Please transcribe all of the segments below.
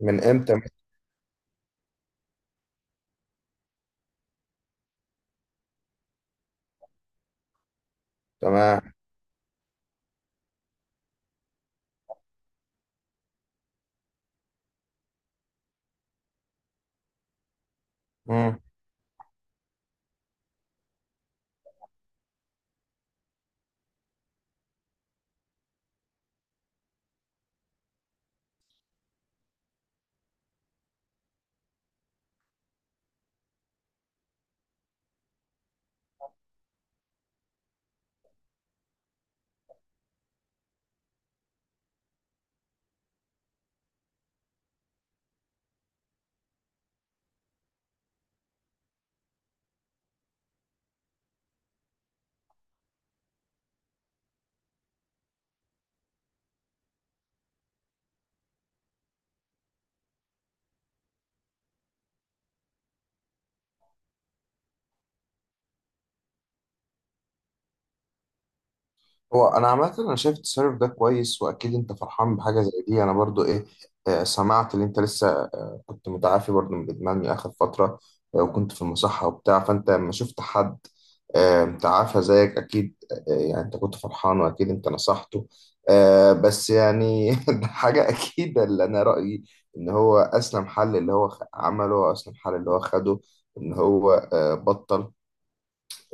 من امتى؟ تمام. مم. هو انا عامه، انا شايف التصرف ده كويس، واكيد انت فرحان بحاجه زي دي. انا برضو ايه، سمعت ان انت لسه كنت متعافي برضو من الادمان من اخر فتره. وكنت في المصحه وبتاع، فانت لما شفت حد متعافى زيك اكيد، يعني انت كنت فرحان، واكيد انت نصحته. بس يعني ده حاجه اكيد، اللي انا رايي ان هو اسلم حل اللي هو عمله، واسلم حل اللي هو خده، ان هو بطل،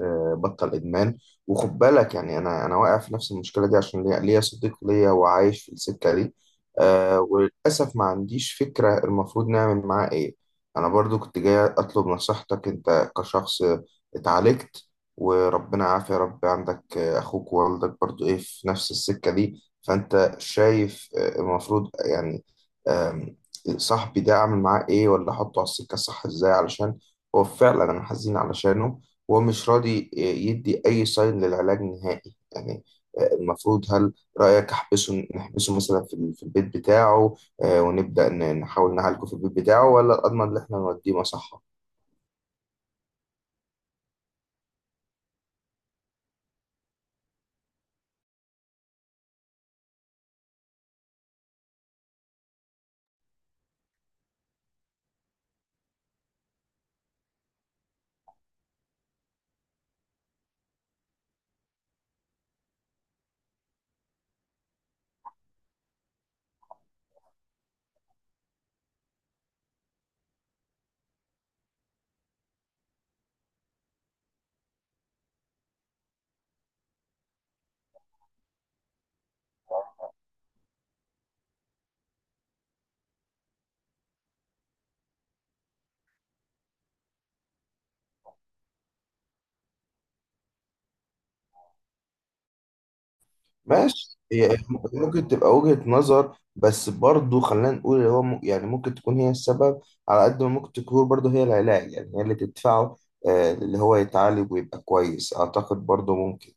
بطل ادمان. وخد بالك يعني، انا واقع في نفس المشكله دي، عشان ليا صديق ليا وعايش في السكه دي. وللاسف ما عنديش فكره المفروض نعمل معاه ايه. انا برضو كنت جاي اطلب نصيحتك، انت كشخص اتعالجت، وربنا عافية يا رب. عندك اخوك ووالدك برضو ايه في نفس السكه دي، فانت شايف المفروض يعني، آم، صاحبي ده اعمل معاه ايه؟ ولا احطه على السكه الصح ازاي، علشان هو فعلا انا حزين علشانه. هو مش راضي يدي أي ساين للعلاج نهائي يعني. المفروض، هل رأيك أحبسه، نحبسه مثلا في في البيت بتاعه ونبدأ نحاول نعالجه في البيت بتاعه، ولا الأضمن إن إحنا نوديه مصحة؟ ماشي، هي ممكن تبقى وجهة نظر، بس برضه خلينا نقول اللي هو يعني ممكن تكون هي السبب. على قد ما ممكن تكون برضه هي العلاج، يعني هي اللي تدفعه اللي هو يتعالج ويبقى كويس. أعتقد برضه ممكن.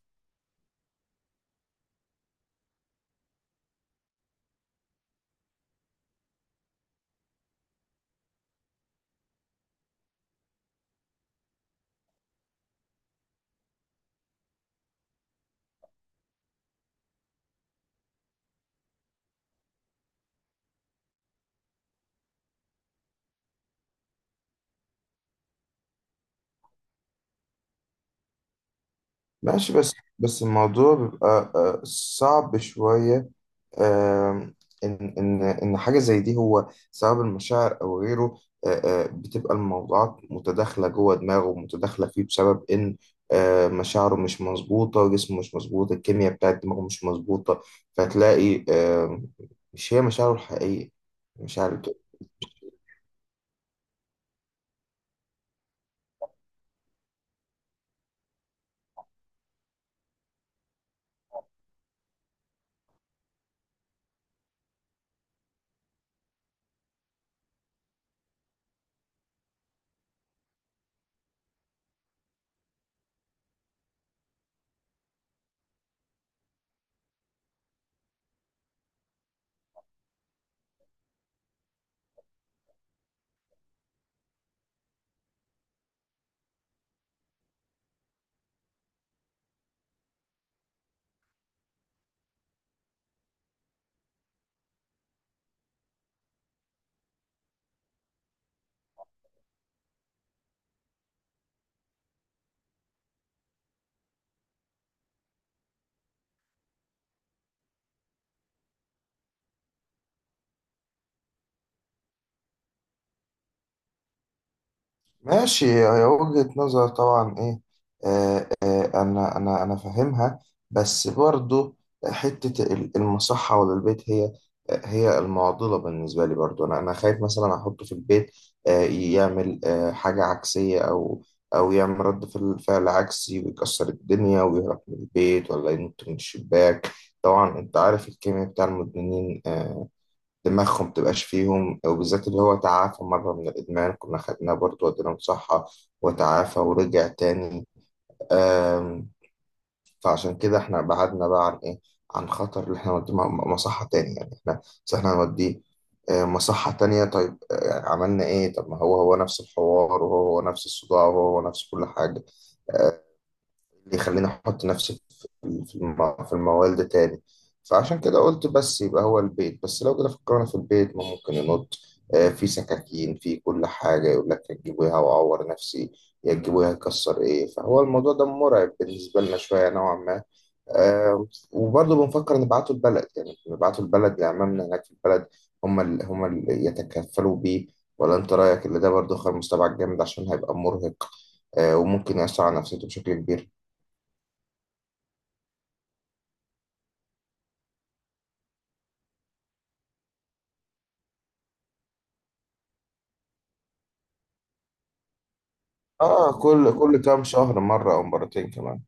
ماشي. بس الموضوع بيبقى صعب شوية. آم، إن حاجة زي دي هو سبب المشاعر أو غيره. بتبقى الموضوعات متداخلة جوه دماغه، ومتداخلة فيه بسبب إن مشاعره مش مظبوطة، جسمه مش مظبوط، الكيمياء بتاعت دماغه مش مظبوطة. فتلاقي مش هي مشاعره الحقيقية، مشاعر. ماشي، هي وجهة نظر طبعا ايه، انا فاهمها. بس برضو حتة المصحة ولا البيت، هي المعضلة بالنسبة لي. برضو انا خايف مثلا احطه في البيت، آه يعمل آه حاجة عكسية، او يعمل رد فعل عكسي، ويكسر الدنيا ويهرب من البيت، ولا ينط من الشباك. طبعا انت عارف الكيمياء بتاع المدمنين، دماغهم متبقاش فيهم، وبالذات اللي هو تعافى مرة من الإدمان. كنا خدناه برضه وديناه مصحة وتعافى ورجع تاني. آم، فعشان كده احنا بعدنا بقى عن إيه، عن خطر اللي احنا نوديه مصحة تاني. يعني احنا بس احنا هنوديه مصحة تانية. طيب عملنا ايه؟ طب ما هو هو نفس الحوار، وهو هو نفس الصداع، وهو هو نفس كل حاجة آه، اللي يخليني احط نفسي في الموال ده تاني. فعشان كده قلت بس يبقى هو البيت بس. لو كده فكرنا في البيت، ما ممكن ينط في سكاكين، في كل حاجة يقول لك يا تجيبوها وأعور نفسي، يا تجيبوها يكسر إيه. فهو الموضوع ده مرعب بالنسبة لنا شوية نوعا ما وبرضه بنفكر نبعته البلد. يعني نبعته البلد لعمامنا هناك في البلد، هم اللي يتكفلوا بيه. ولا أنت رأيك اللي ده برضه خيار مستبعد جامد، عشان هيبقى مرهق وممكن يأثر على نفسيته بشكل كبير. اه، كل كام شهر مره او مرتين كمان.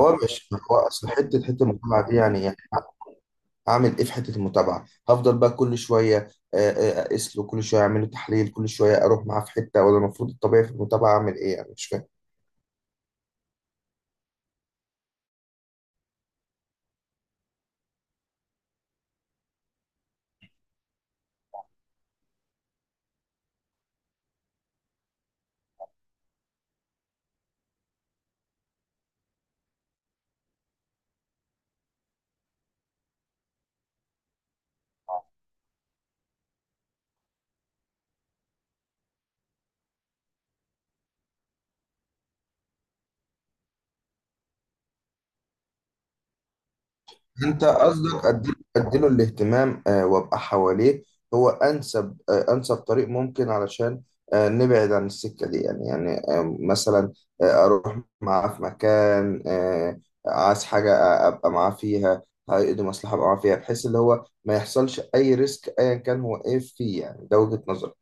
هو مش هو اصل حته المتابعه دي يعني يعني، اعمل ايه في حته المتابعه؟ هفضل بقى كل شويه اقيس له كل شويه، اعمل له تحليل كل شويه، اروح معاه في حته؟ ولا المفروض الطبيعي في المتابعه اعمل ايه يعني؟ مش فاهم. انت قصدك اديله الاهتمام وابقى حواليه، هو انسب انسب طريق ممكن، علشان نبعد عن السكه دي يعني يعني مثلا، اروح معاه في مكان عايز حاجه ابقى معاه فيها، عقد مصلحه ابقى معاه فيها، بحيث اللي هو ما يحصلش اي ريسك ايا كان هو ايه فيه. يعني ده وجهه نظري.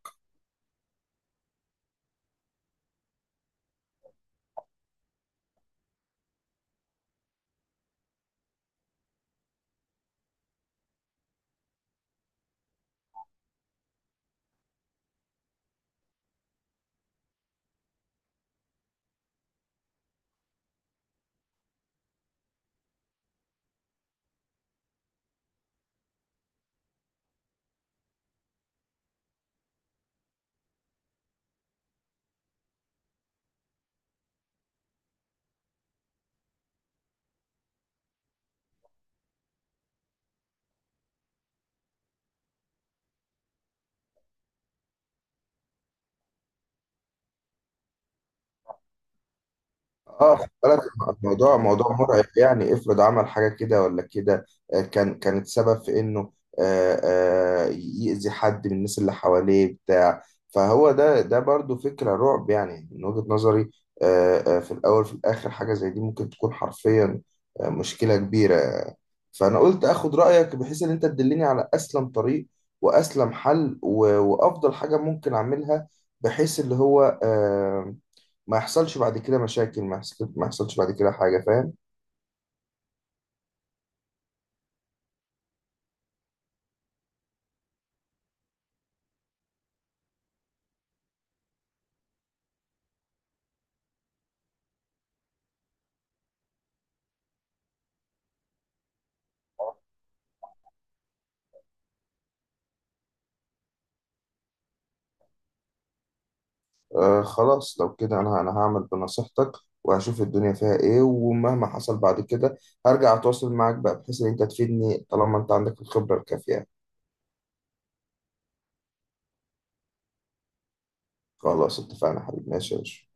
اه، خد بالك، الموضوع موضوع مرعب يعني. افرض عمل حاجه كده ولا كده، كانت سبب في انه آه، يأذي حد من الناس اللي حواليه بتاع. فهو ده برضو فكره رعب يعني من وجهه نظري في الاول في الاخر. حاجه زي دي ممكن تكون حرفيا مشكله كبيره. فانا قلت اخد رايك، بحيث ان انت تدلني على اسلم طريق واسلم حل وافضل حاجه ممكن اعملها، بحيث اللي هو ما يحصلش بعد كده مشاكل، ما يحصلش بعد كده حاجة، فاهم؟ آه خلاص، لو كده أنا هعمل بنصيحتك، وهشوف الدنيا فيها إيه. ومهما حصل بعد كده هرجع أتواصل معاك بقى، بحيث إن أنت تفيدني، طالما أنت عندك الخبرة الكافية. خلاص اتفقنا يا حبيبي، ماشي يا باشا.